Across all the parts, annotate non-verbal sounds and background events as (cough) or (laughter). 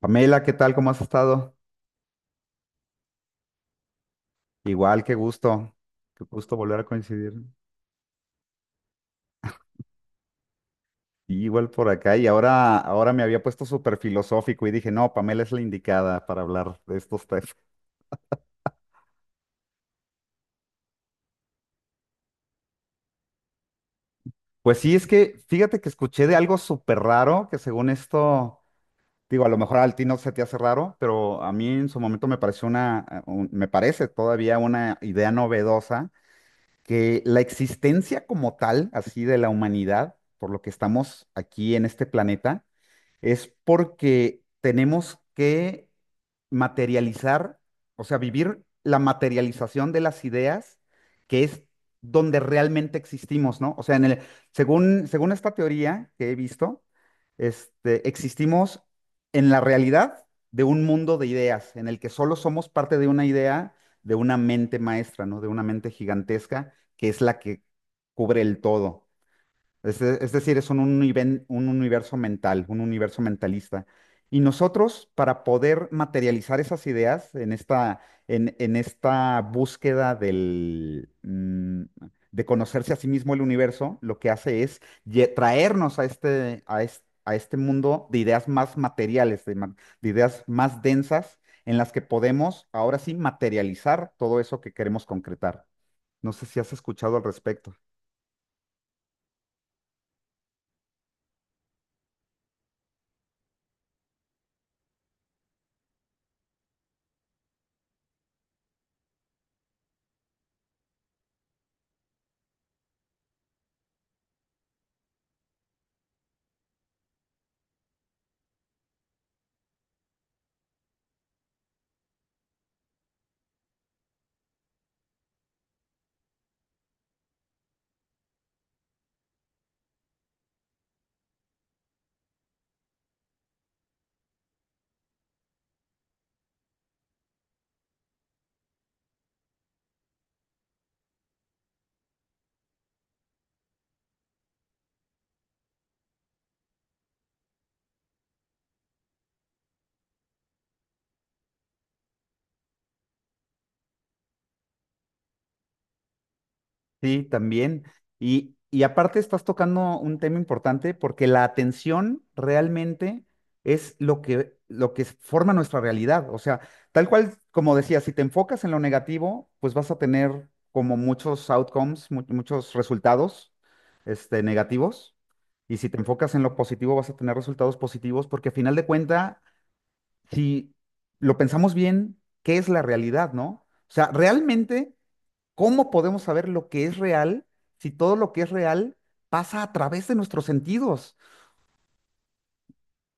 Pamela, ¿qué tal? ¿Cómo has estado? Igual, qué gusto volver a coincidir. Sí, igual por acá y ahora me había puesto súper filosófico y dije, no, Pamela es la indicada para hablar de estos temas. Pues sí, es que fíjate que escuché de algo súper raro que según esto, digo, a lo mejor al ti no se te hace raro, pero a mí en su momento me pareció una, me parece todavía una idea novedosa que la existencia como tal, así de la humanidad, por lo que estamos aquí en este planeta es porque tenemos que materializar, o sea, vivir la materialización de las ideas, que es donde realmente existimos, ¿no? O sea, en el, según esta teoría que he visto, existimos en la realidad de un mundo de ideas, en el que solo somos parte de una idea, de una mente maestra, ¿no? De una mente gigantesca, que es la que cubre el todo. Es, es decir, es un, un universo mental, un universo mentalista. Y nosotros, para poder materializar esas ideas en esta, en esta búsqueda del, de conocerse a sí mismo el universo, lo que hace es traernos a este, a este mundo de ideas más materiales, de ideas más densas, en las que podemos ahora sí materializar todo eso que queremos concretar. No sé si has escuchado al respecto. Sí, también. Y aparte estás tocando un tema importante porque la atención realmente es lo lo que forma nuestra realidad. O sea, tal cual, como decía, si te enfocas en lo negativo, pues vas a tener como muchos outcomes, muchos resultados, negativos. Y si te enfocas en lo positivo, vas a tener resultados positivos porque a final de cuenta, si lo pensamos bien, ¿qué es la realidad, no? O sea, realmente... ¿Cómo podemos saber lo que es real si todo lo que es real pasa a través de nuestros sentidos?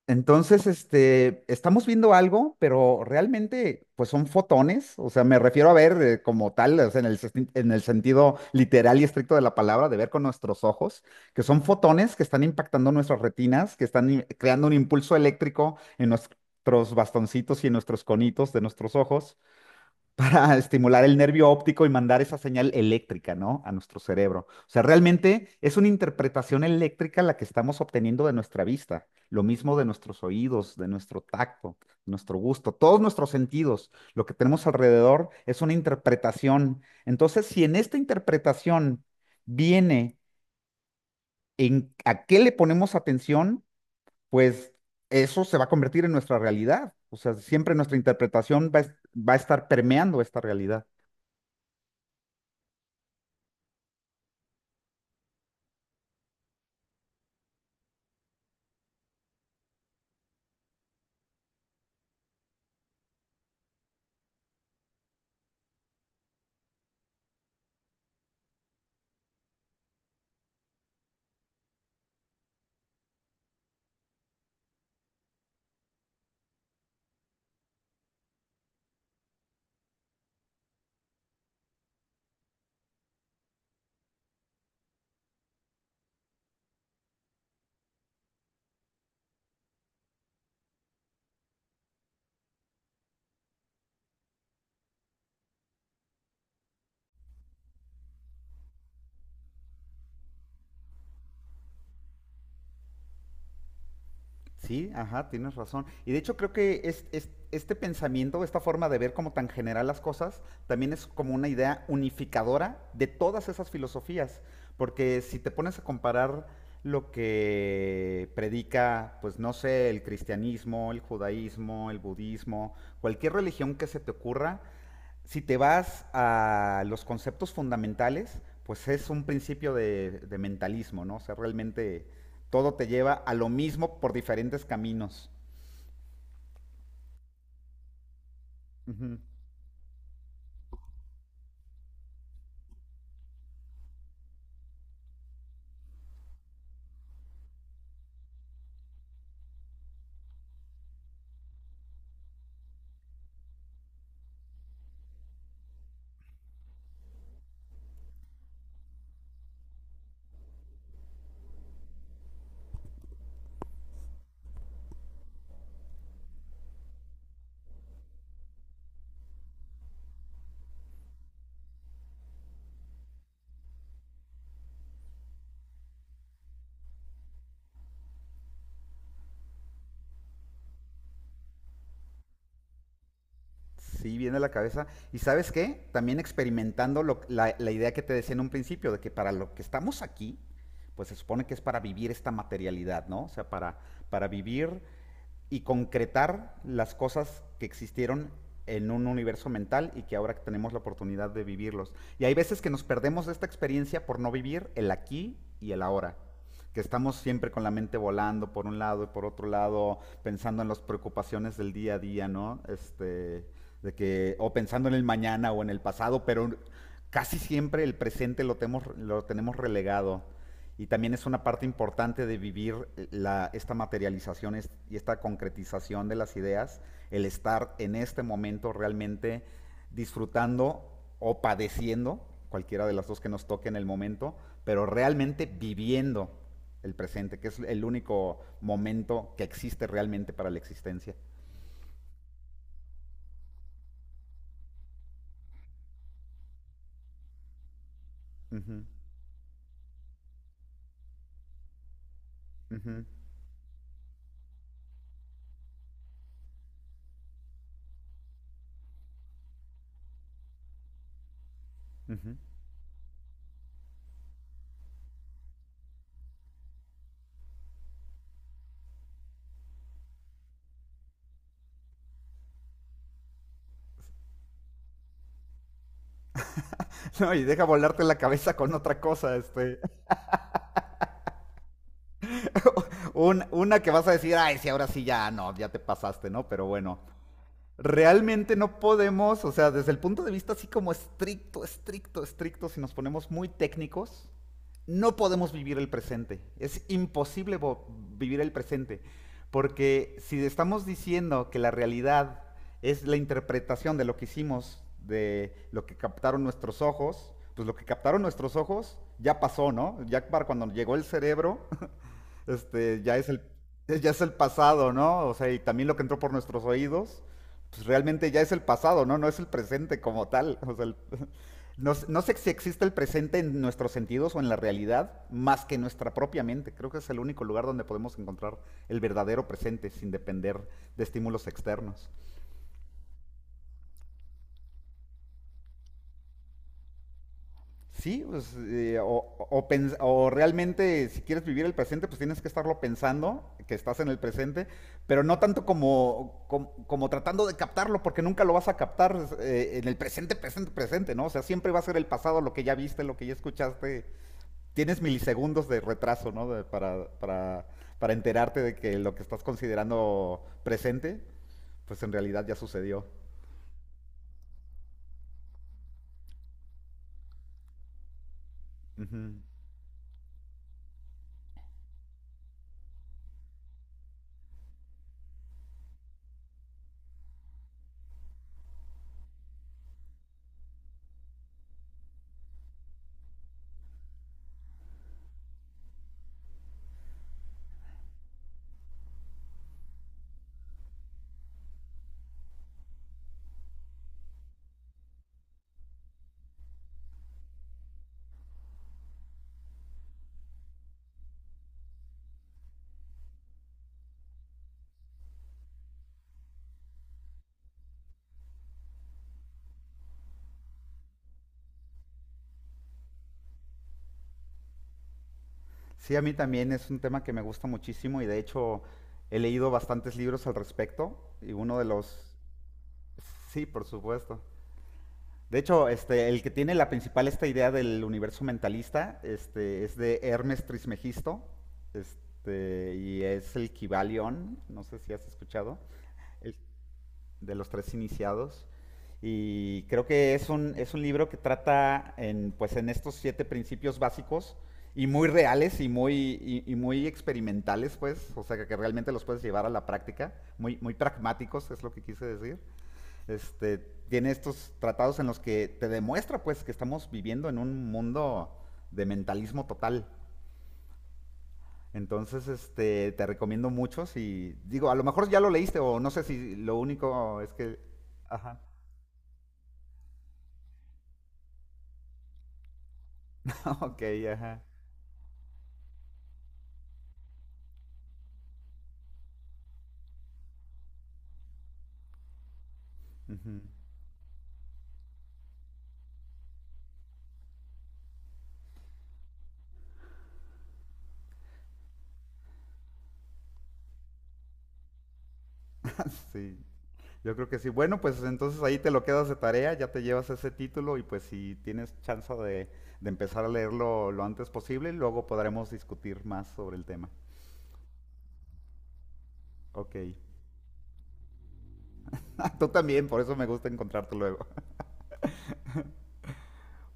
Entonces, estamos viendo algo, pero realmente, pues son fotones, o sea, me refiero a ver como tal, o sea, en el, en el sentido literal y estricto de la palabra, de ver con nuestros ojos, que son fotones que están impactando nuestras retinas, que están creando un impulso eléctrico en nuestros bastoncitos y en nuestros conitos de nuestros ojos para (laughs) estimular el nervio óptico y mandar esa señal eléctrica, ¿no? A nuestro cerebro. O sea, realmente es una interpretación eléctrica la que estamos obteniendo de nuestra vista, lo mismo de nuestros oídos, de nuestro tacto, nuestro gusto, todos nuestros sentidos, lo que tenemos alrededor es una interpretación. Entonces, si en esta interpretación viene en a qué le ponemos atención, pues eso se va a convertir en nuestra realidad. O sea, siempre nuestra interpretación va va a estar permeando esta realidad. Sí, ajá, tienes razón. Y de hecho creo que este pensamiento, esta forma de ver como tan general las cosas, también es como una idea unificadora de todas esas filosofías. Porque si te pones a comparar lo que predica, pues no sé, el cristianismo, el judaísmo, el budismo, cualquier religión que se te ocurra, si te vas a los conceptos fundamentales, pues es un principio de mentalismo, ¿no? O sea, realmente todo te lleva a lo mismo por diferentes caminos. Ujú. Sí, viene a la cabeza. ¿Y sabes qué? También experimentando la idea que te decía en un principio, de que para lo que estamos aquí, pues se supone que es para vivir esta materialidad, ¿no? O sea, para vivir y concretar las cosas que existieron en un universo mental y que ahora tenemos la oportunidad de vivirlos. Y hay veces que nos perdemos de esta experiencia por no vivir el aquí y el ahora, que estamos siempre con la mente volando por un lado y por otro lado, pensando en las preocupaciones del día a día, ¿no? De que, o pensando en el mañana o en el pasado, pero casi siempre el presente lo tenemos relegado. Y también es una parte importante de vivir la, esta materialización y esta concretización de las ideas, el estar en este momento realmente disfrutando o padeciendo, cualquiera de las dos que nos toque en el momento, pero realmente viviendo el presente, que es el único momento que existe realmente para la existencia. Ujú, ujú, ujú. (laughs) No, y deja volarte la cabeza con otra cosa, este. Una que vas a decir, ay, sí, ahora sí ya, no, ya te pasaste, ¿no? Pero bueno, realmente no podemos, o sea, desde el punto de vista así como estricto, estricto, estricto, si nos ponemos muy técnicos, no podemos vivir el presente. Es imposible vivir el presente. Porque si estamos diciendo que la realidad es la interpretación de lo que hicimos, de lo que captaron nuestros ojos, pues lo que captaron nuestros ojos ya pasó, ¿no? Ya para cuando llegó el cerebro, ya es el, (laughs) ya es el pasado, ¿no? O sea, y también lo que entró por nuestros oídos, pues realmente ya es el pasado, ¿no? No es el presente como tal. O sea, el- (laughs) no, no sé si existe el presente en nuestros sentidos o en la realidad más que nuestra propia mente. Creo que es el único lugar donde podemos encontrar el verdadero presente sin depender de estímulos externos. Sí, pues, o o realmente si quieres vivir el presente, pues tienes que estarlo pensando, que estás en el presente, pero no tanto como tratando de captarlo, porque nunca lo vas a captar en el presente, presente, presente, ¿no? O sea, siempre va a ser el pasado, lo que ya viste, lo que ya escuchaste. Tienes milisegundos de retraso, ¿no? Para, para enterarte de que lo que estás considerando presente, pues en realidad ya sucedió. Ujú. Sí, a mí también es un tema que me gusta muchísimo y de hecho he leído bastantes libros al respecto y uno de los... Sí, por supuesto. De hecho, el que tiene la principal esta idea del universo mentalista este, es de Hermes Trismegisto este, y es el Kybalión, no sé si has escuchado. El- de los tres iniciados. Y creo que es un libro que trata en, pues, en estos siete principios básicos y muy reales y muy, y muy experimentales, pues, o sea, realmente los puedes llevar a la práctica, muy, muy pragmáticos, es lo que quise decir. Este, tiene estos tratados en los que te demuestra, pues, que estamos viviendo en un mundo de mentalismo total. Entonces, te recomiendo mucho y digo, a lo mejor ya lo leíste o no sé si lo único es que... Ajá. (laughs) Ok, ajá. Ujú. (laughs) Sí, yo creo que sí. Bueno, pues entonces ahí te lo quedas de tarea, ya te llevas ese título y pues si tienes chance de empezar a leerlo lo antes posible, luego podremos discutir más sobre el tema. Ok. (laughs) Tú también, por eso me gusta encontrarte luego. (laughs)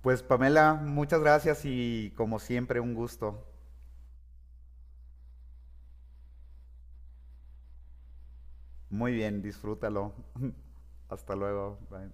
Pues Pamela, muchas gracias y como siempre un gusto. Muy bien, disfrútalo. (laughs) Hasta luego. Bye.